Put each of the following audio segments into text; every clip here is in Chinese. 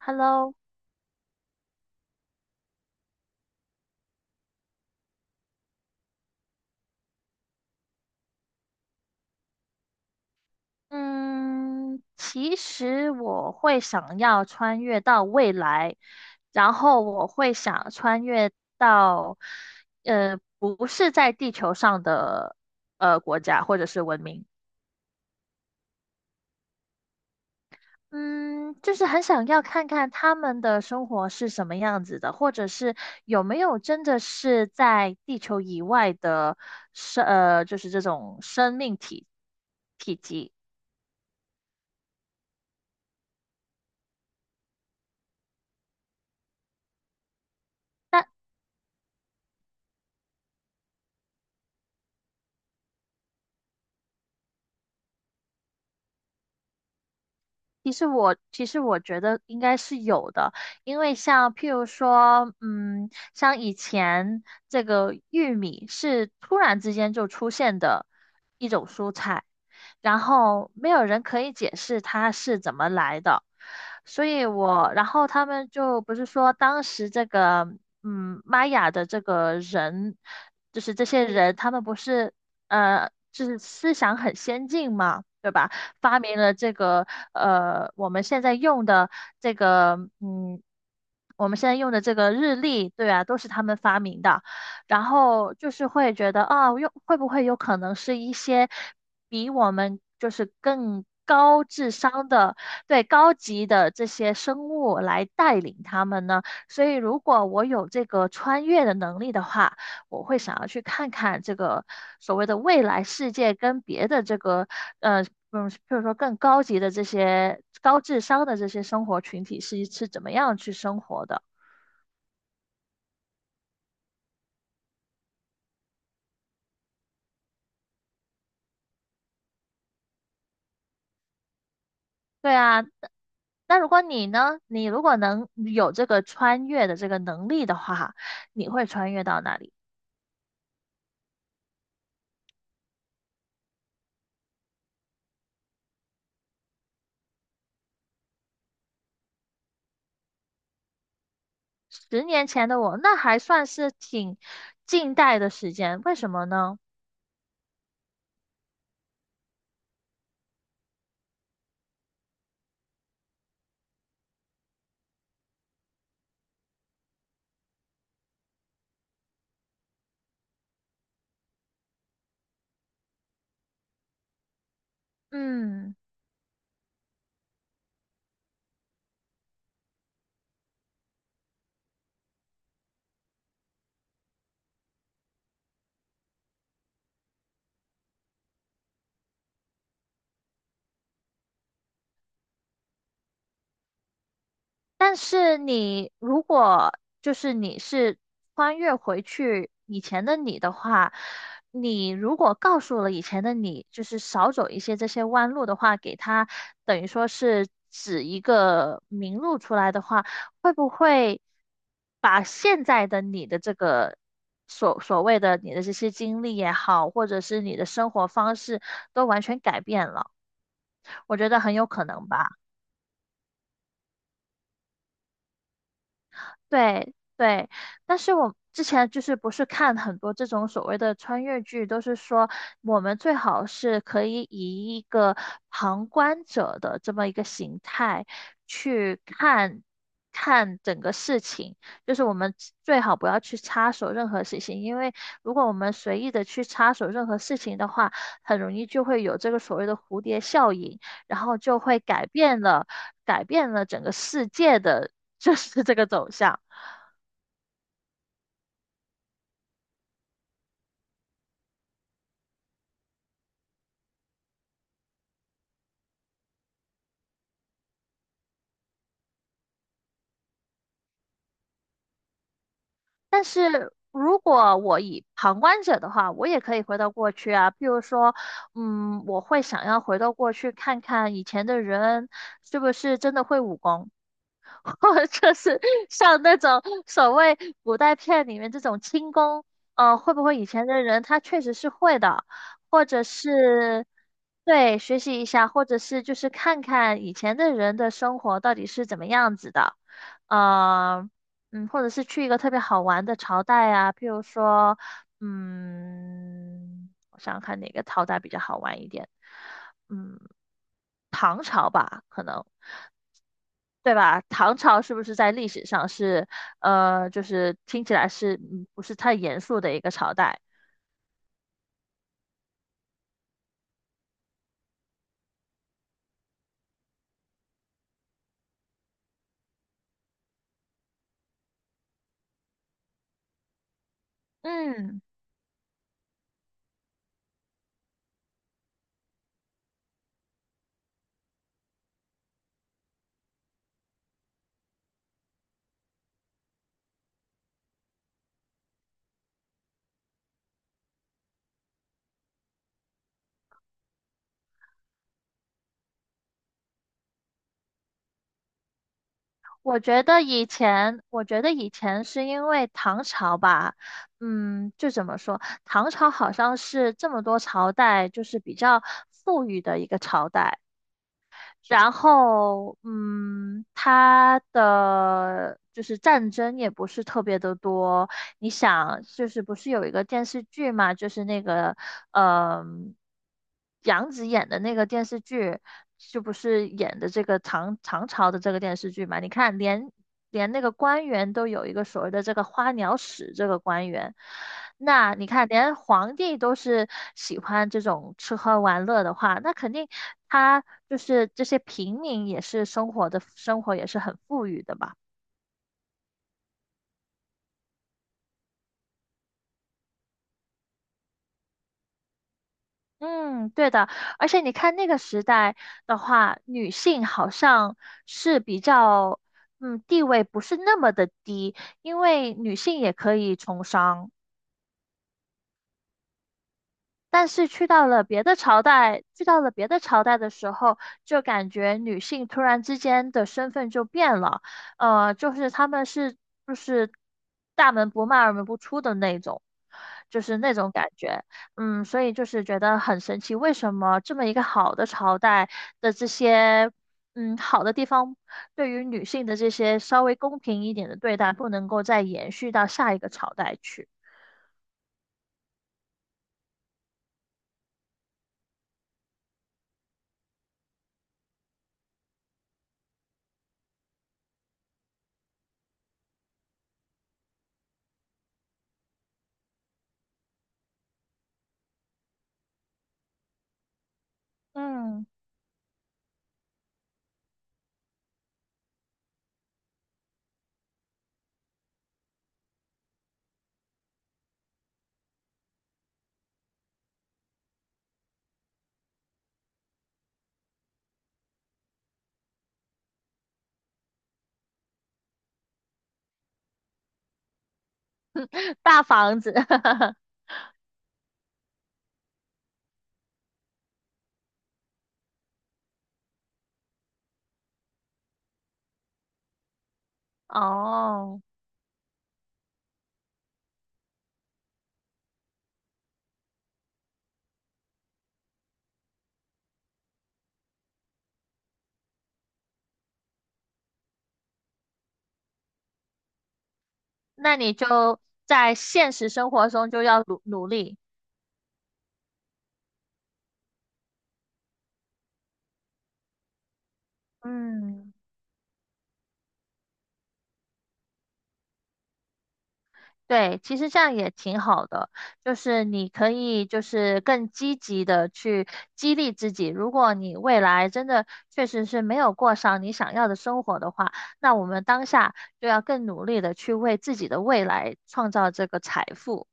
Hello，嗯，其实我会想要穿越到未来，然后我会想穿越到，不是在地球上的国家或者是文明。嗯，就是很想要看看他们的生活是什么样子的，或者是有没有真的是在地球以外的就是这种生命体体积。其实我觉得应该是有的，因为像譬如说，像以前这个玉米是突然之间就出现的一种蔬菜，然后没有人可以解释它是怎么来的。所以我，然后他们就不是说当时这个，玛雅的这个人，就是这些人，他们不是，就是思想很先进嘛，对吧？发明了这个，我们现在用的这个，我们现在用的这个日历，对啊，都是他们发明的。然后就是会觉得啊，有会不会有可能是一些比我们就是更高智商的，对，高级的这些生物来带领他们呢。所以，如果我有这个穿越的能力的话，我会想要去看看这个所谓的未来世界跟别的这个呃。譬如说更高级的这些高智商的这些生活群体是怎么样去生活的？对啊，那如果你呢？你如果能有这个穿越的这个能力的话，你会穿越到哪里？十年前的我，那还算是挺近代的时间，为什么呢？嗯。但是你如果就是你是穿越回去以前的你的话，你如果告诉了以前的你，就是少走一些这些弯路的话，给他等于说是指一个明路出来的话，会不会把现在的你的这个所谓的你的这些经历也好，或者是你的生活方式都完全改变了？我觉得很有可能吧。对对，但是我之前就是不是看很多这种所谓的穿越剧，都是说我们最好是可以以一个旁观者的这么一个形态去看看整个事情，就是我们最好不要去插手任何事情，因为如果我们随意的去插手任何事情的话，很容易就会有这个所谓的蝴蝶效应，然后就会改变了整个世界的。就是这个走向。但是如果我以旁观者的话，我也可以回到过去啊。譬如说，我会想要回到过去看看以前的人是不是真的会武功。或者 就是像那种所谓古代片里面这种轻功，会不会以前的人他确实是会的，或者是对学习一下，或者是就是看看以前的人的生活到底是怎么样子的，呃，或者是去一个特别好玩的朝代啊。譬如说，我想想看哪个朝代比较好玩一点，嗯，唐朝吧，可能。对吧？唐朝是不是在历史上是，就是听起来是不是太严肃的一个朝代？嗯，我觉得以前是因为唐朝吧，就怎么说，唐朝好像是这么多朝代就是比较富裕的一个朝代。然后，它的就是战争也不是特别的多。你想，就是不是有一个电视剧嘛？就是那个，嗯、杨紫演的那个电视剧，就不是演的这个唐朝的这个电视剧嘛？你看，连那个官员都有一个所谓的这个花鸟使这个官员。那你看，连皇帝都是喜欢这种吃喝玩乐的话，那肯定他就是这些平民也是生活也是很富裕的吧？嗯，对的。而且你看那个时代的话，女性好像是比较，地位不是那么的低，因为女性也可以从商。但是去到了别的朝代的时候，就感觉女性突然之间的身份就变了，就是她们是就是大门不迈二门不出的那种，就是那种感觉。所以就是觉得很神奇，为什么这么一个好的朝代的这些。好的地方对于女性的这些稍微公平一点的对待，不能够再延续到下一个朝代去。嗯，大房子。哦，那你就在现实生活中就要努努力。嗯，对，其实这样也挺好的，就是你可以就是更积极的去激励自己。如果你未来真的确实是没有过上你想要的生活的话，那我们当下就要更努力的去为自己的未来创造这个财富。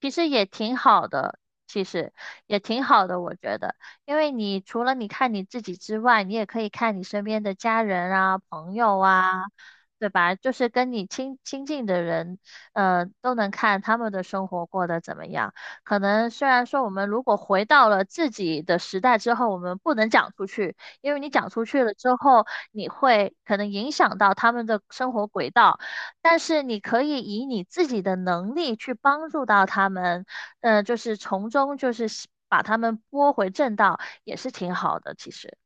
其实也挺好的，其实我觉得，因为你除了你看你自己之外，你也可以看你身边的家人啊、朋友啊，对吧？就是跟你亲近的人，都能看他们的生活过得怎么样。可能虽然说我们如果回到了自己的时代之后，我们不能讲出去，因为你讲出去了之后，你会可能影响到他们的生活轨道。但是你可以以你自己的能力去帮助到他们，就是从中把他们拨回正道，也是挺好的，其实。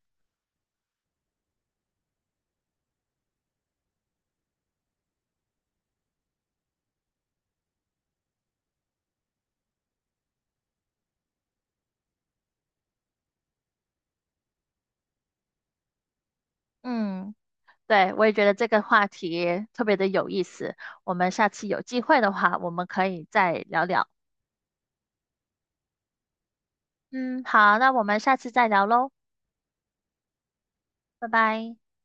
嗯，对，我也觉得这个话题特别的有意思，我们下次有机会的话，我们可以再聊聊。嗯，好，那我们下次再聊喽，拜拜。